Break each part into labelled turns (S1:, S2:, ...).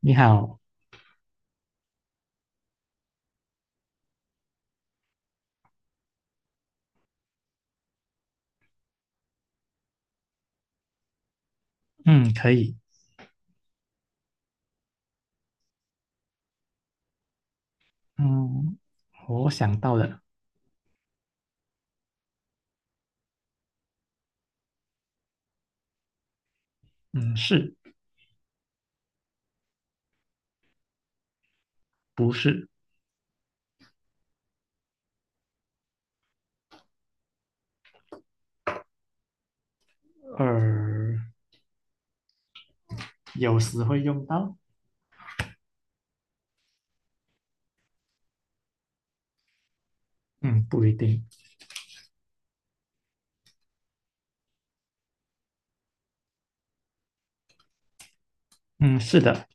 S1: 你好。嗯，可以。嗯，我想到了。嗯，是。不是？呃，有时会用到。嗯，不一定。嗯，是的。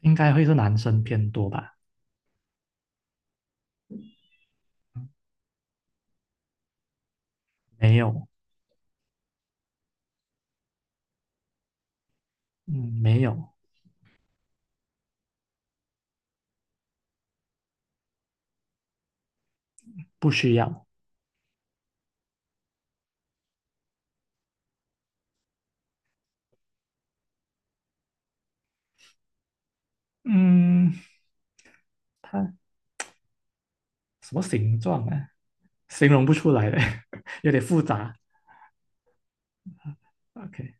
S1: 应该会是男生偏多吧？没有。嗯，没有。不需要。嗯，它什么形状啊？形容不出来的，有点复杂。OK，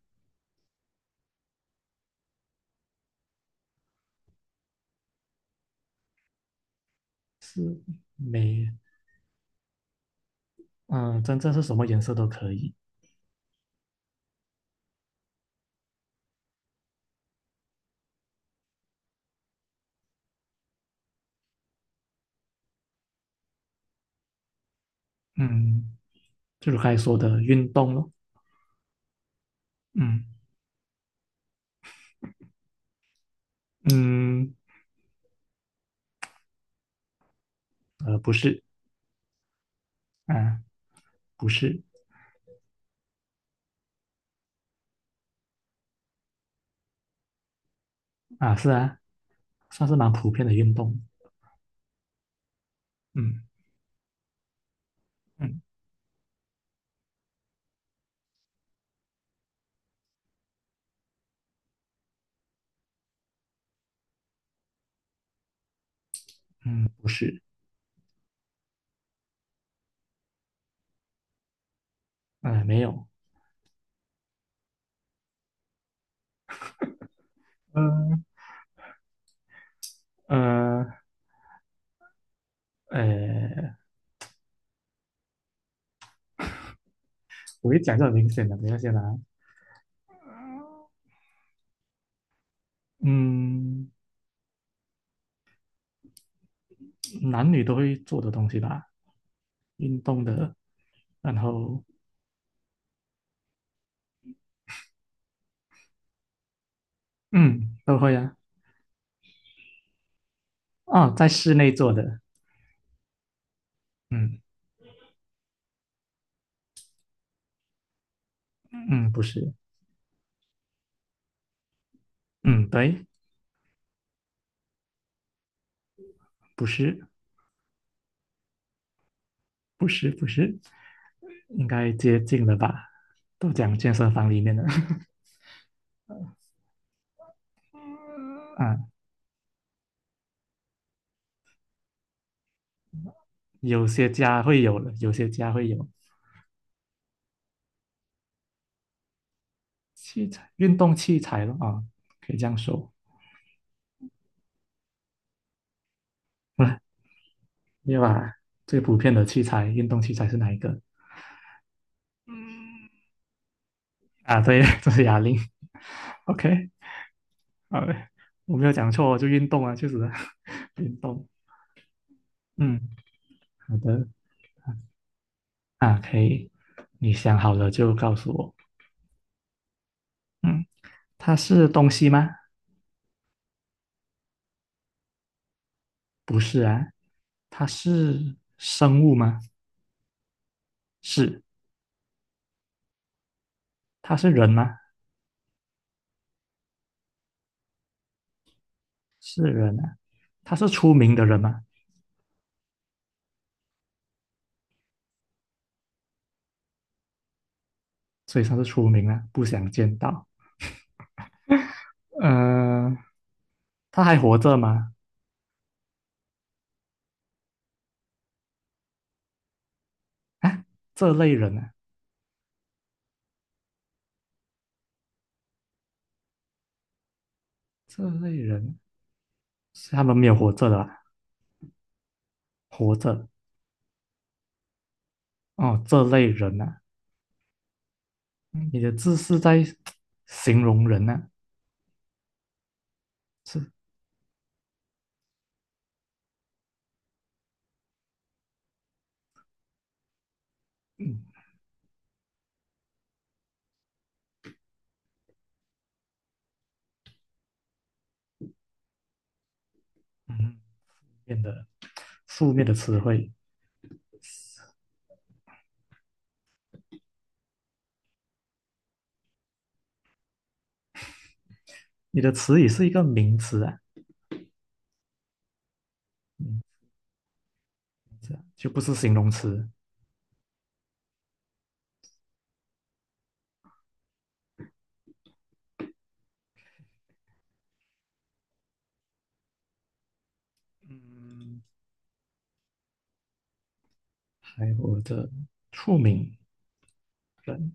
S1: 是没，嗯，真正是什么颜色都可以。嗯，就是刚才说的运动咯。嗯嗯，不是。啊，不是啊，是啊，算是蛮普遍的运动。嗯嗯嗯，不是。没有。嗯呃呃，我一讲就很明显的，等一下先啊。嗯，男女都会做的东西吧，运动的，然后嗯都会啊。哦，在室内做的。嗯嗯，不是。嗯对。不是不是，应该接近了吧，都讲健身房里面的。啊，有些家会有的，有些家会有器材，运动器材了啊，可以这样说。你把最普遍的器材，运动器材是哪一个啊？对，这是哑铃。OK，好嘞，我没有讲错哦，就运动啊，确实啊。 运动。嗯，好的啊，可以。你想好了就告诉我。嗯，它是东西吗？不是啊。它是生物吗？是。它是人吗？是人啊。它是出名的人吗？所以他是出名了，不想见到。嗯、他还活着吗？这类人啊，这类人是他们没有活着的啊？活着哦，这类人啊，你的字是在形容人啊。嗯嗯，变得负面的词汇。你的词语是一个名词啊。嗯，这样就不是形容词。嗯，还活着，出名人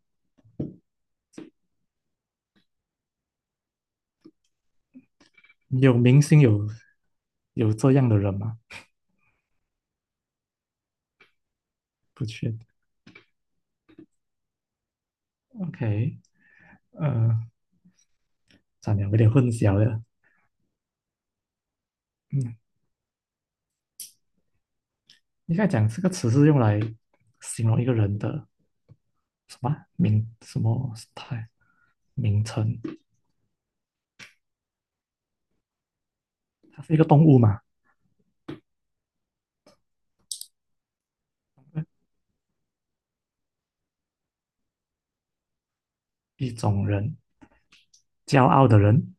S1: 有明星有有这样的人吗？不确定。OK，呃，算了，有点混淆了。嗯，应该讲这个词是用来形容一个人的什么啊，名什么态，名称，它是一个动物嘛，一种人，骄傲的人，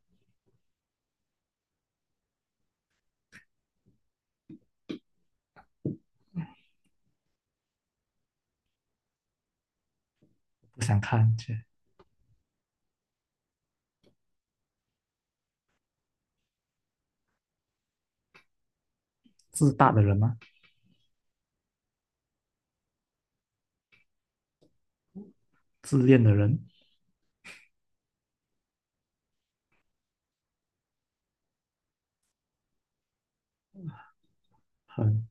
S1: 不想看见，自大的人嘛，自恋的人，很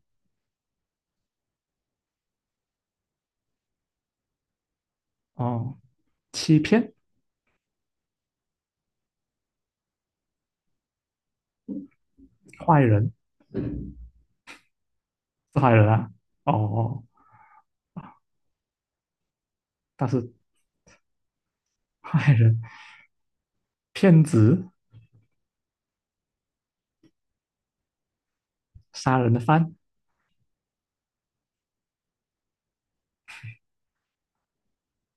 S1: 哦，欺骗，坏人，是坏人啊。哦哦，但是坏人，骗子，杀人的犯，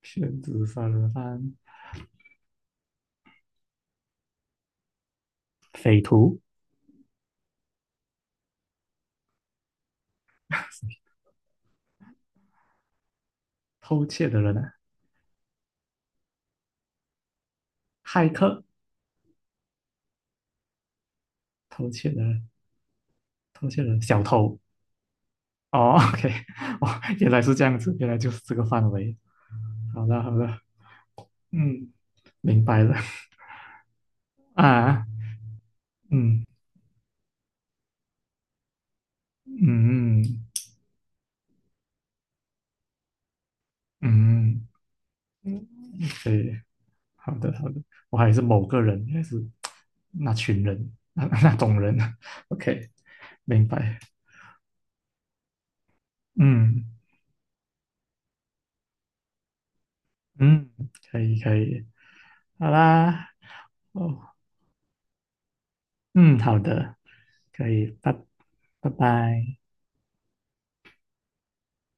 S1: 骗子，杀人的犯，匪徒，偷窃的人啊，骇客，偷窃的人。偷窃人小偷，哦，OK，哦，原来是这样子，原来就是这个范围。好的，好的，嗯，明白了啊，嗯嗯嗯，嗯对，好的好的嗯明白了啊嗯嗯嗯可以，好的好的我还是某个人，还是那群人，那那种人，OK，明白，嗯嗯，可以可以，好啦，哦，嗯，好的，可以，拜拜。